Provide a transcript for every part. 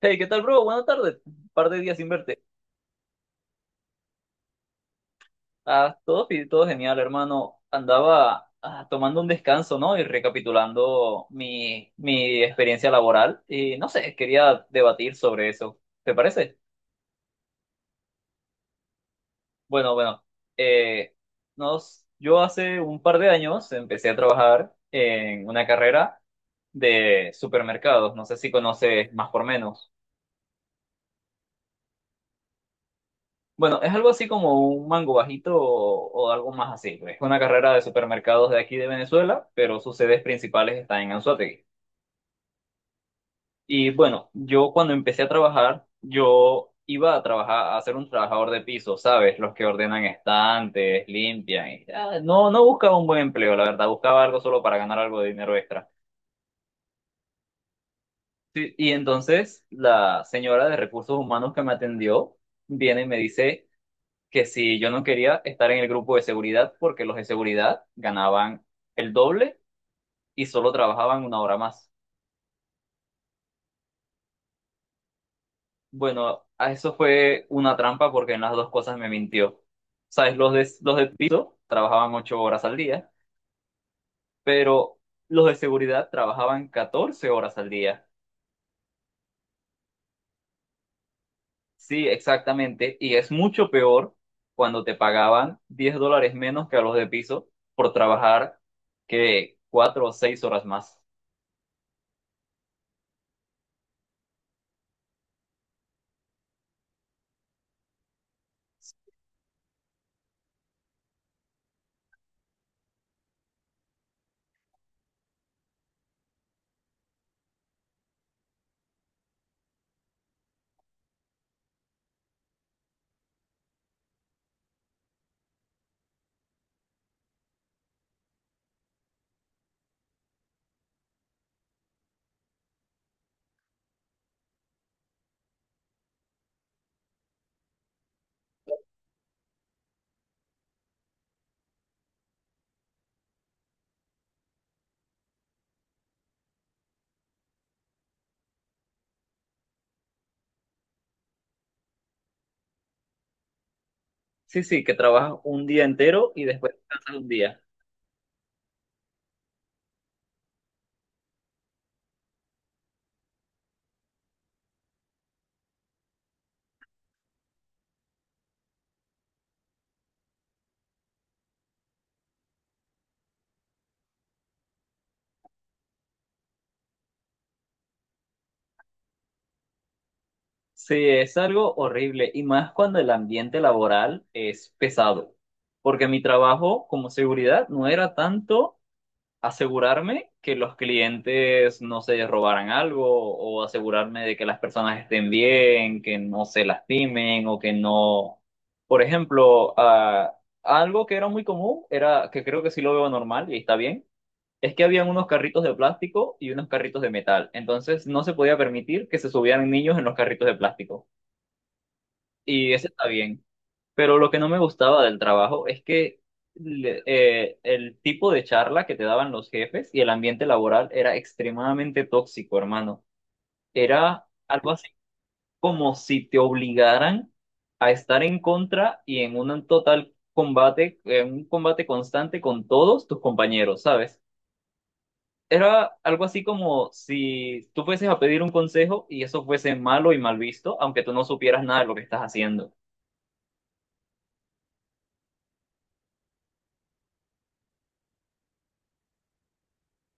Hey, ¿qué tal, bro? Buenas tardes. Un par de días sin verte. Ah, todo genial, hermano. Andaba tomando un descanso, ¿no? Y recapitulando mi experiencia laboral. Y no sé, quería debatir sobre eso. ¿Te parece? Bueno, bueno. eh, yo hace un par de años empecé a trabajar en una carrera de supermercados. No sé si conoces más por menos. Bueno, es algo así como un mango bajito o algo más así. Es una carrera de supermercados de aquí de Venezuela, pero sus sedes principales están en Anzoátegui. Y bueno, yo cuando empecé a trabajar, yo iba a trabajar, a ser un trabajador de piso, ¿sabes? Los que ordenan estantes, limpian. Y, no, no buscaba un buen empleo, la verdad, buscaba algo solo para ganar algo de dinero extra. Sí, y entonces la señora de recursos humanos que me atendió viene y me dice que si yo no quería estar en el grupo de seguridad porque los de seguridad ganaban el doble y solo trabajaban una hora más. Bueno, a eso fue una trampa porque en las dos cosas me mintió. Sabes, los de piso trabajaban 8 horas al día, pero los de seguridad trabajaban 14 horas al día. Sí, exactamente. Y es mucho peor cuando te pagaban $10 menos que a los de piso por trabajar que 4 o 6 horas más. Sí, sí, que trabajas un día entero y después descansas un día. Sí, es algo horrible y más cuando el ambiente laboral es pesado, porque mi trabajo como seguridad no era tanto asegurarme que los clientes no se robaran algo o asegurarme de que las personas estén bien, que no se lastimen o que no... Por ejemplo, algo que era muy común era, que creo que sí lo veo normal y está bien. Es que habían unos carritos de plástico y unos carritos de metal. Entonces no se podía permitir que se subieran niños en los carritos de plástico. Y eso está bien. Pero lo que no me gustaba del trabajo es que el tipo de charla que te daban los jefes y el ambiente laboral era extremadamente tóxico, hermano. Era algo así como si te obligaran a estar en contra y en un total combate, en un combate constante con todos tus compañeros, ¿sabes? Era algo así como si tú fueses a pedir un consejo y eso fuese malo y mal visto, aunque tú no supieras nada de lo que estás haciendo.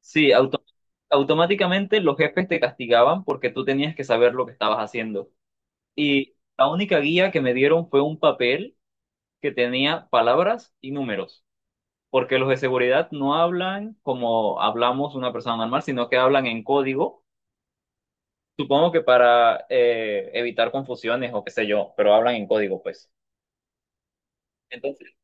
Sí, automáticamente los jefes te castigaban porque tú tenías que saber lo que estabas haciendo. Y la única guía que me dieron fue un papel que tenía palabras y números, porque los de seguridad no hablan como hablamos una persona normal, sino que hablan en código, supongo que para evitar confusiones o qué sé yo, pero hablan en código, pues. Entonces,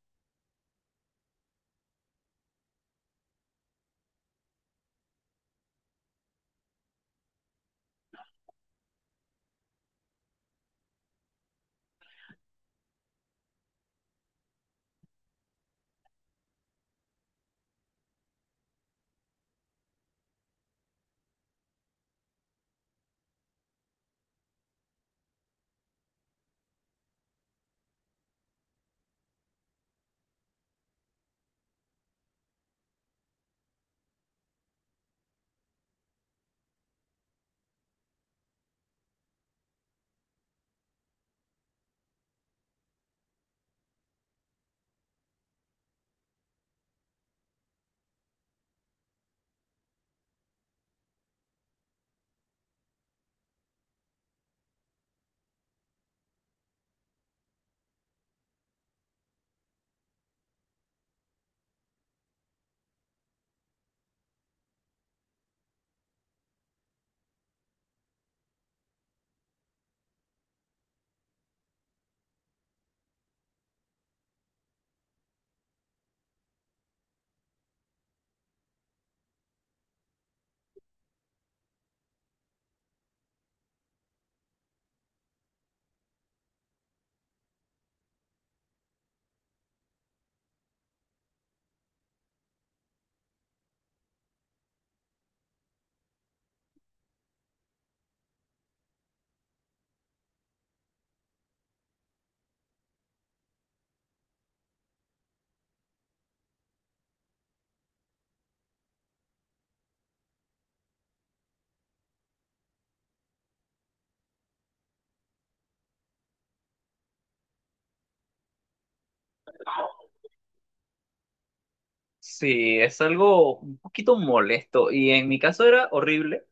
sí, es algo un poquito molesto y en mi caso era horrible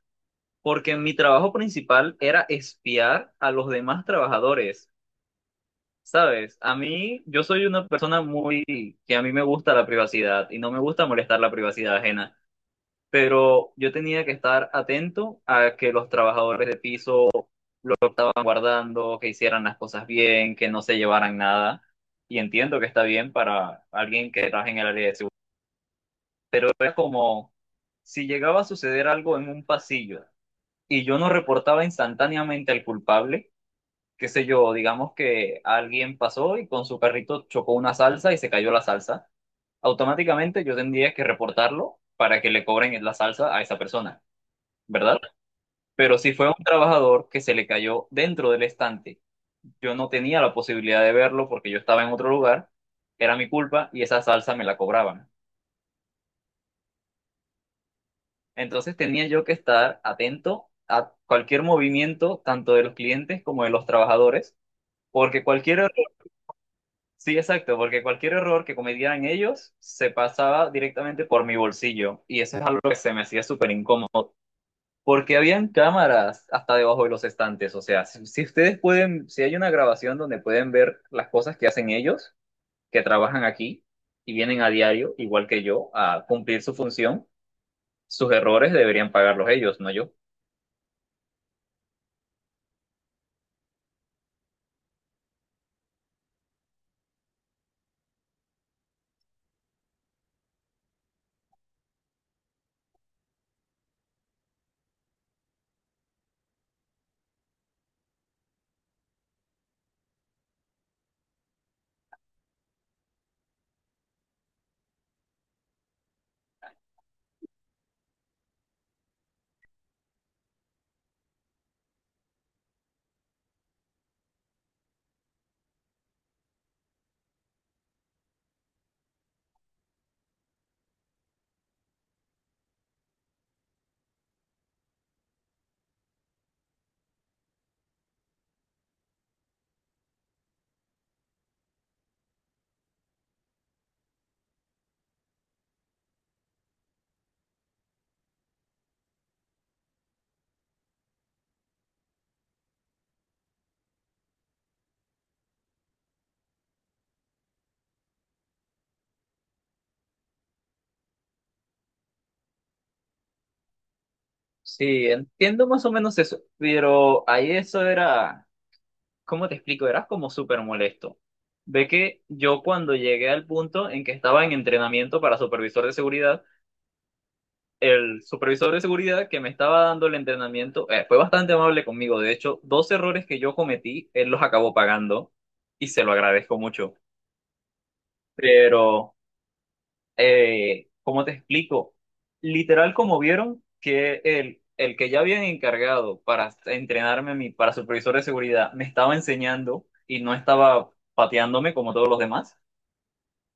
porque mi trabajo principal era espiar a los demás trabajadores, ¿sabes? A mí, yo soy una persona muy que a mí me gusta la privacidad y no me gusta molestar la privacidad ajena, pero yo tenía que estar atento a que los trabajadores de piso estaban guardando, que hicieran las cosas bien, que no se llevaran nada, y entiendo que está bien para alguien que trabaja en el área de seguridad, pero era como si llegaba a suceder algo en un pasillo y yo no reportaba instantáneamente al culpable, qué sé yo, digamos que alguien pasó y con su carrito chocó una salsa y se cayó la salsa, automáticamente yo tendría que reportarlo para que le cobren la salsa a esa persona, ¿verdad? Pero si fue un trabajador que se le cayó dentro del estante, yo no tenía la posibilidad de verlo porque yo estaba en otro lugar, era mi culpa y esa salsa me la cobraban. Entonces tenía yo que estar atento a cualquier movimiento, tanto de los clientes como de los trabajadores, porque cualquier error, sí, exacto, porque cualquier error que cometieran ellos se pasaba directamente por mi bolsillo y eso es algo que se me hacía súper incómodo, porque habían cámaras hasta debajo de los estantes, o sea, si ustedes pueden, si hay una grabación donde pueden ver las cosas que hacen ellos, que trabajan aquí y vienen a diario, igual que yo, a cumplir su función, sus errores deberían pagarlos ellos, no yo. Sí, entiendo más o menos eso, pero ahí eso era, ¿cómo te explico? Era como súper molesto. Ve que yo cuando llegué al punto en que estaba en entrenamiento para supervisor de seguridad, el supervisor de seguridad que me estaba dando el entrenamiento fue bastante amable conmigo. De hecho, dos errores que yo cometí, él los acabó pagando y se lo agradezco mucho. Pero ¿cómo te explico? Literal, como vieron que el que ya habían encargado para entrenarme a mí, para supervisor de seguridad, me estaba enseñando y no estaba pateándome como todos los demás.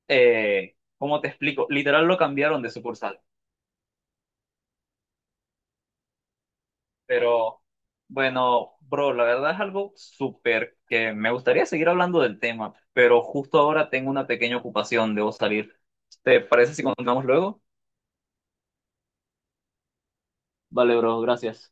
¿Cómo te explico? Literal lo cambiaron de sucursal. Pero bueno, bro, la verdad es algo súper que me gustaría seguir hablando del tema, pero justo ahora tengo una pequeña ocupación, debo salir. ¿Te parece si continuamos luego? Vale, bro, gracias.